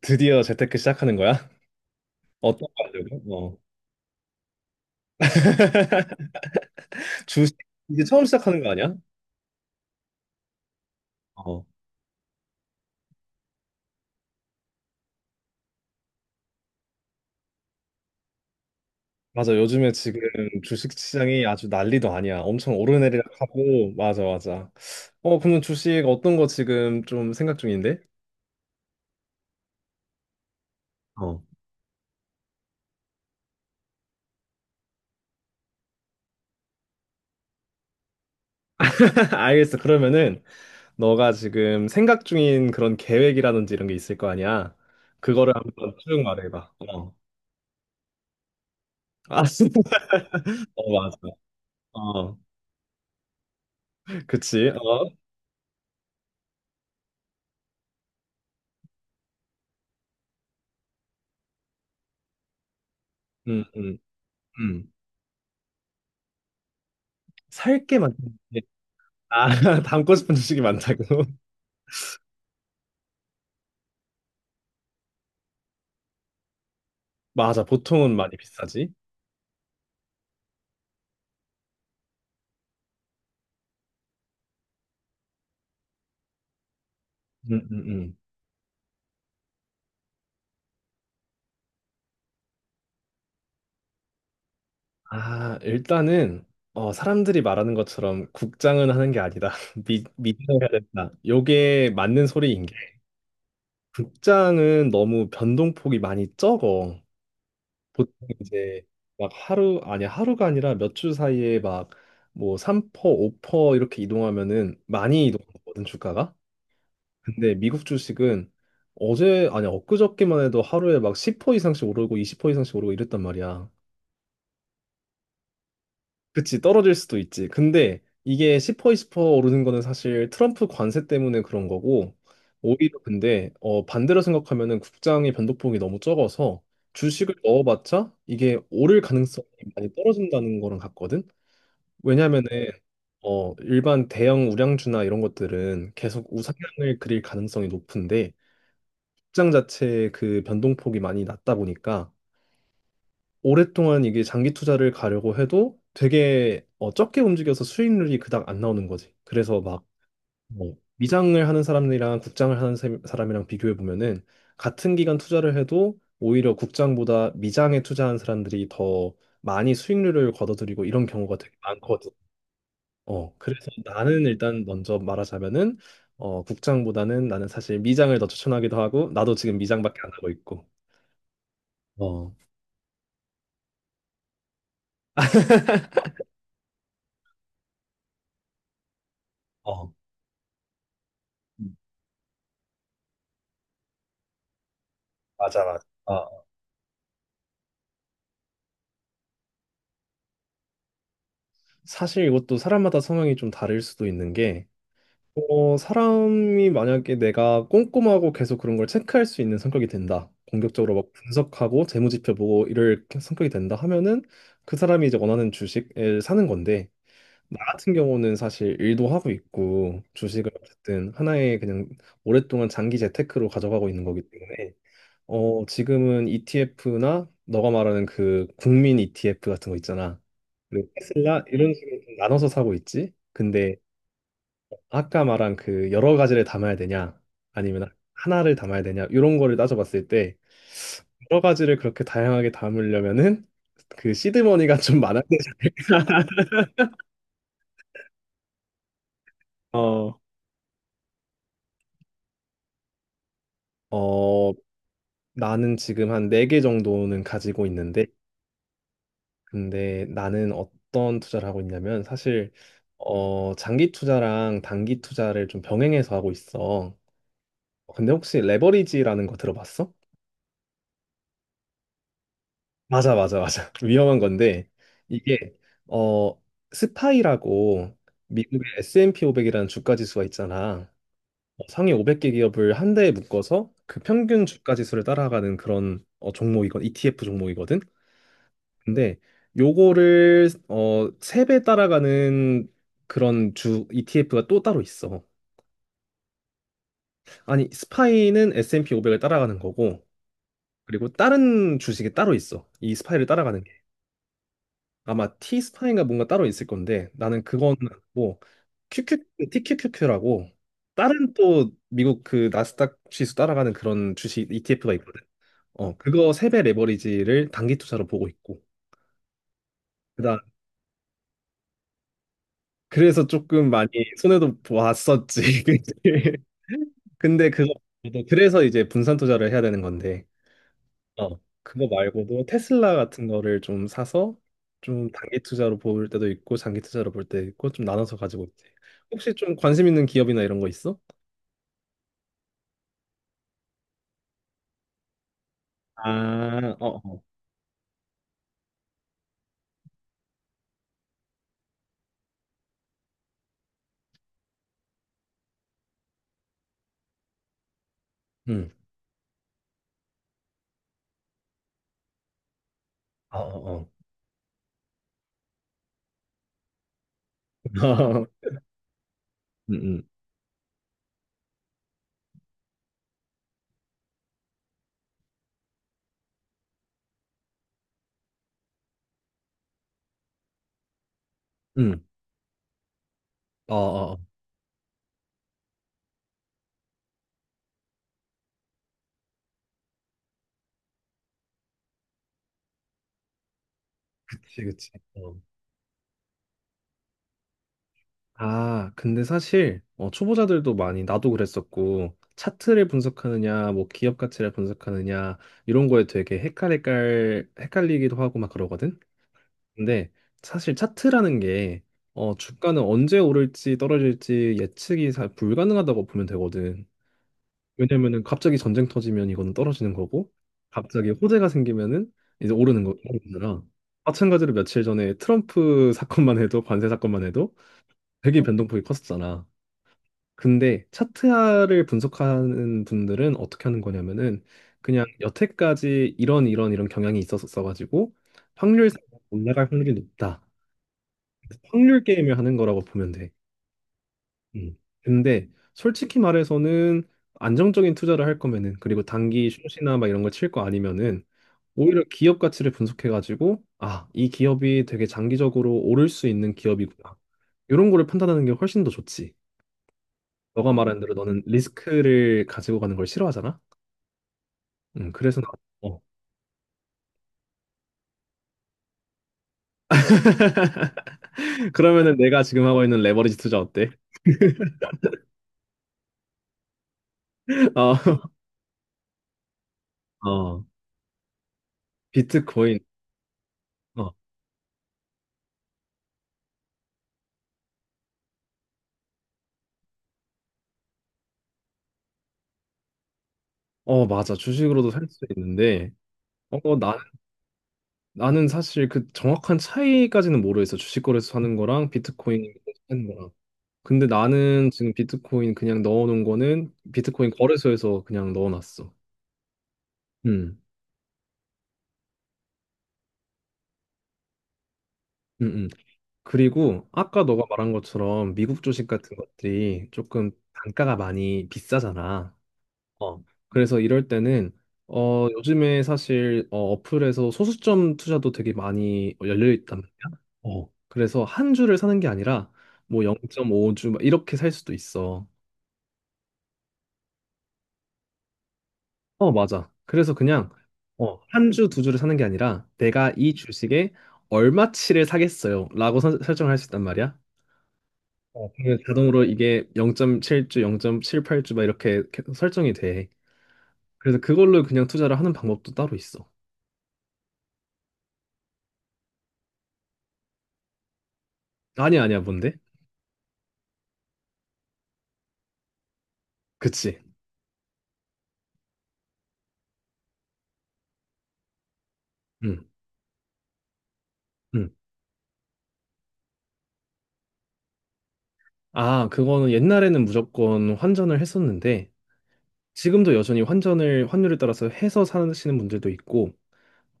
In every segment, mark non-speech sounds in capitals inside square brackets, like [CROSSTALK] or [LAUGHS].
드디어 재테크 시작하는 거야? 어떤 거 하려고? 어. [LAUGHS] 주식. 이제 처음 시작하는 거 아니야? 어. 맞아. 요즘에 지금 주식 시장이 아주 난리도 아니야. 엄청 오르내리락하고 맞아, 맞아. 어, 그러면 주식 어떤 거 지금 좀 생각 중인데? 어. [LAUGHS] 알겠어. 그러면은 너가 지금 생각 중인 그런 계획이라든지 이런 게 있을 거 아니야? 그거를 한번 쭉 말해봐. 어. 아, [LAUGHS] 어, 맞아. 어. 그치. 어. 음, 음, 음. 살게 만드는데 아 [LAUGHS] 담고 싶은 주식이 많다고. [LAUGHS] 맞아, 보통은 많이 비싸지. 음음음. 아, 일단은 어 사람들이 말하는 것처럼 국장은 하는 게 아니다 [LAUGHS] 미 미장 해야 된다, 요게 맞는 소리인 게 국장은 너무 변동폭이 많이 적어. 보통 이제 막 하루, 아니 하루가 아니라 몇 주 사이에 막 뭐 3%, 5% 이렇게 이동하면은 많이 이동하거든, 주가가. 근데 미국 주식은 어제, 아니 엊그저께만 해도 하루에 막 10% 이상씩 오르고 20% 이상씩 오르고 이랬단 말이야. 그치, 떨어질 수도 있지. 근데 이게 10% 20% 오르는 거는 사실 트럼프 관세 때문에 그런 거고, 오히려 근데 어 반대로 생각하면은 국장의 변동폭이 너무 적어서 주식을 넣어봤자 이게 오를 가능성이 많이 떨어진다는 거랑 같거든. 왜냐면은 어 일반 대형 우량주나 이런 것들은 계속 우상향을 그릴 가능성이 높은데, 시장 자체의 그 변동폭이 많이 낮다 보니까 오랫동안 이게 장기 투자를 가려고 해도 되게 어, 적게 움직여서 수익률이 그닥 안 나오는 거지. 그래서 막 뭐, 미장을 하는 사람이랑 국장을 하는 사람이랑 비교해 보면은 같은 기간 투자를 해도 오히려 국장보다 미장에 투자한 사람들이 더 많이 수익률을 거둬들이고 이런 경우가 되게 많거든. 어, 그래서 나는 일단 먼저 말하자면은 어, 국장보다는 나는 사실 미장을 더 추천하기도 하고, 나도 지금 미장밖에 안 하고 있고. 어. 어, 맞아, 맞아. 어, 사실 이것도 사람마다 성향이 좀 다를 수도 있는 게, 어, 사람이 만약에 내가 꼼꼼하고 계속 그런 걸 체크할 수 있는 성격이 된다, 공격적으로 막 분석하고 재무지표 보고 이럴 성격이 된다 하면은 그 사람이 이제 원하는 주식을 사는 건데, 나 같은 경우는 사실 일도 하고 있고, 주식을 어쨌든 하나의 그냥 오랫동안 장기 재테크로 가져가고 있는 거기 때문에, 어, 지금은 ETF나 너가 말하는 그 국민 ETF 같은 거 있잖아. 그리고 테슬라 이런 식으로 좀 나눠서 사고 있지. 근데 아까 말한 그 여러 가지를 담아야 되냐 아니면 하나를 담아야 되냐 이런 거를 따져봤을 때 여러 가지를 그렇게 다양하게 담으려면은 그 시드머니가 좀 많아야 돼. 어, 어, 나는 지금 한 네 개 정도는 가지고 있는데, 근데 나는 어떤 투자를 하고 있냐면 사실 어, 장기 투자랑 단기 투자를 좀 병행해서 하고 있어. 근데 혹시 레버리지라는 거 들어봤어? 맞아, 맞아, 맞아. [LAUGHS] 위험한 건데, 이게 어, 스파이라고 미국의 S&P 500이라는 주가 지수가 있잖아. 어, 상위 500개 기업을 한 대에 묶어서 그 평균 주가 지수를 따라가는 그런 어, 종목이건 ETF 종목이거든. 근데 요거를 어 3배 따라가는 그런 주 ETF가 또 따로 있어. 아니, 스파이는 S&P 500을 따라가는 거고, 그리고 다른 주식이 따로 있어, 이 스파이를 따라가는 게. 아마 T 스파이가 뭔가 따로 있을 건데 나는 그건 뭐 TQQQ라고 다른 또 미국 그 나스닥 지수 따라가는 그런 주식 ETF가 있거든. 어, 그거 3배 레버리지를 단기 투자로 보고 있고. 그래서 조금 많이 손해도 보았었지. [LAUGHS] 그치? 근데 그거 말고도 그래서 이제 분산 투자를 해야 되는 건데, 어 그거 말고도 테슬라 같은 거를 좀 사서 좀 단기 투자로 볼 때도 있고 장기 투자로 볼 때 있고 좀 나눠서 가지고 있지. 혹시 좀 관심 있는 기업이나 이런 거 있어? 아, 어, 어. 응. 어, 어, 어. [LAUGHS] 응, 응. 응. 어, 어. 어. 그치, 그치. 아, 근데 사실 어, 초보자들도 많이, 나도 그랬었고, 차트를 분석하느냐, 뭐 기업 가치를 분석하느냐 이런 거에 되게 헷갈릴 헷갈리기도 하고 막 그러거든. 근데 사실 차트라는 게 어, 주가는 언제 오를지 떨어질지 예측이 잘 불가능하다고 보면 되거든. 왜냐면은 갑자기 전쟁 터지면 이거는 떨어지는 거고, 갑자기 호재가 생기면은 이제 오르는 거느라. 마찬가지로 며칠 전에 트럼프 사건만 해도, 관세 사건만 해도 되게 변동폭이 컸었잖아. 근데 차트화를 분석하는 분들은 어떻게 하는 거냐면은 그냥 여태까지 이런 이런 이런 경향이 있었어 가지고 확률상 올라갈 확률이 높다, 확률 게임을 하는 거라고 보면 돼. 음. 근데 솔직히 말해서는 안정적인 투자를 할 거면은, 그리고 단기 숏이나 막 이런 걸 칠 거 아니면은 오히려 기업 가치를 분석해 가지고 아, 이 기업이 되게 장기적으로 오를 수 있는 기업이구나, 이런 거를 판단하는 게 훨씬 더 좋지. 너가 말하는 대로 너는 리스크를 가지고 가는 걸 싫어하잖아. 그래서 나 어. [LAUGHS] 그러면은 내가 지금 하고 있는 레버리지 투자 어때? [LAUGHS] 어, 어, 비트코인. 어, 어, 맞아. 주식으로도 살 수 있는데, 어, 어, 나, 나는 사실 그 정확한 차이까지는 모르겠어, 주식 거래소 사는 거랑 비트코인 사는 거랑. 근데 나는 지금 비트코인 그냥 넣어놓은 거는 비트코인 거래소에서 그냥 넣어놨어. 음, 음, 음. 그리고 아까 너가 말한 것처럼 미국 주식 같은 것들이 조금 단가가 많이 비싸잖아. 어. 그래서 이럴 때는 어 요즘에 사실 어, 어플에서 소수점 투자도 되게 많이 열려 있단 말이야. 어. 그래서 한 주를 사는 게 아니라 뭐 0.5주 막 이렇게 살 수도 있어. 어, 맞아. 그래서 그냥 어, 한 주, 두 주를 사는 게 아니라 내가 이 주식에 얼마치를 사겠어요, 라고 설정을 할 수 있단 말이야. 어, 그러면 자동으로 이게 0.7주, 0.78주 막 이렇게 계속 설정이 돼. 그래서 그걸로 그냥 투자를 하는 방법도 따로 있어. 아니야, 아니야, 뭔데? 그치. 응, 응. 아, 그거는 옛날에는 무조건 환전을 했었는데, 지금도 여전히 환전을 환율에 따라서 해서 사시는 분들도 있고,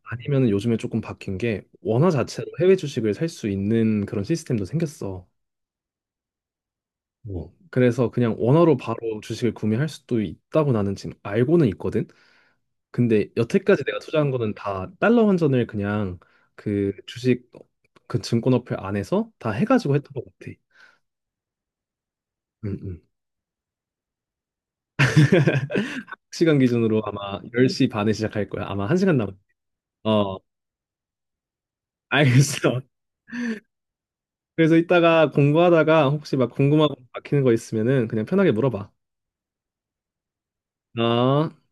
아니면 요즘에 조금 바뀐 게 원화 자체로 해외 주식을 살 수 있는 그런 시스템도 생겼어. 뭐, 그래서 그냥 원화로 바로 주식을 구매할 수도 있다고 나는 지금 알고는 있거든. 근데 여태까지 내가 투자한 거는 다 달러 환전을 그냥 그 주식 그 증권 어플 안에서 다 해가지고 했던 것 같아. 음, 음. [LAUGHS] 시간 기준으로 아마 10시 반에 시작할 거야. 아마 1시간 남았. 어, 알겠어. [LAUGHS] 그래서 이따가 공부하다가 혹시 막 궁금한 거 막히는 거 있으면은 그냥 편하게 물어봐. 어.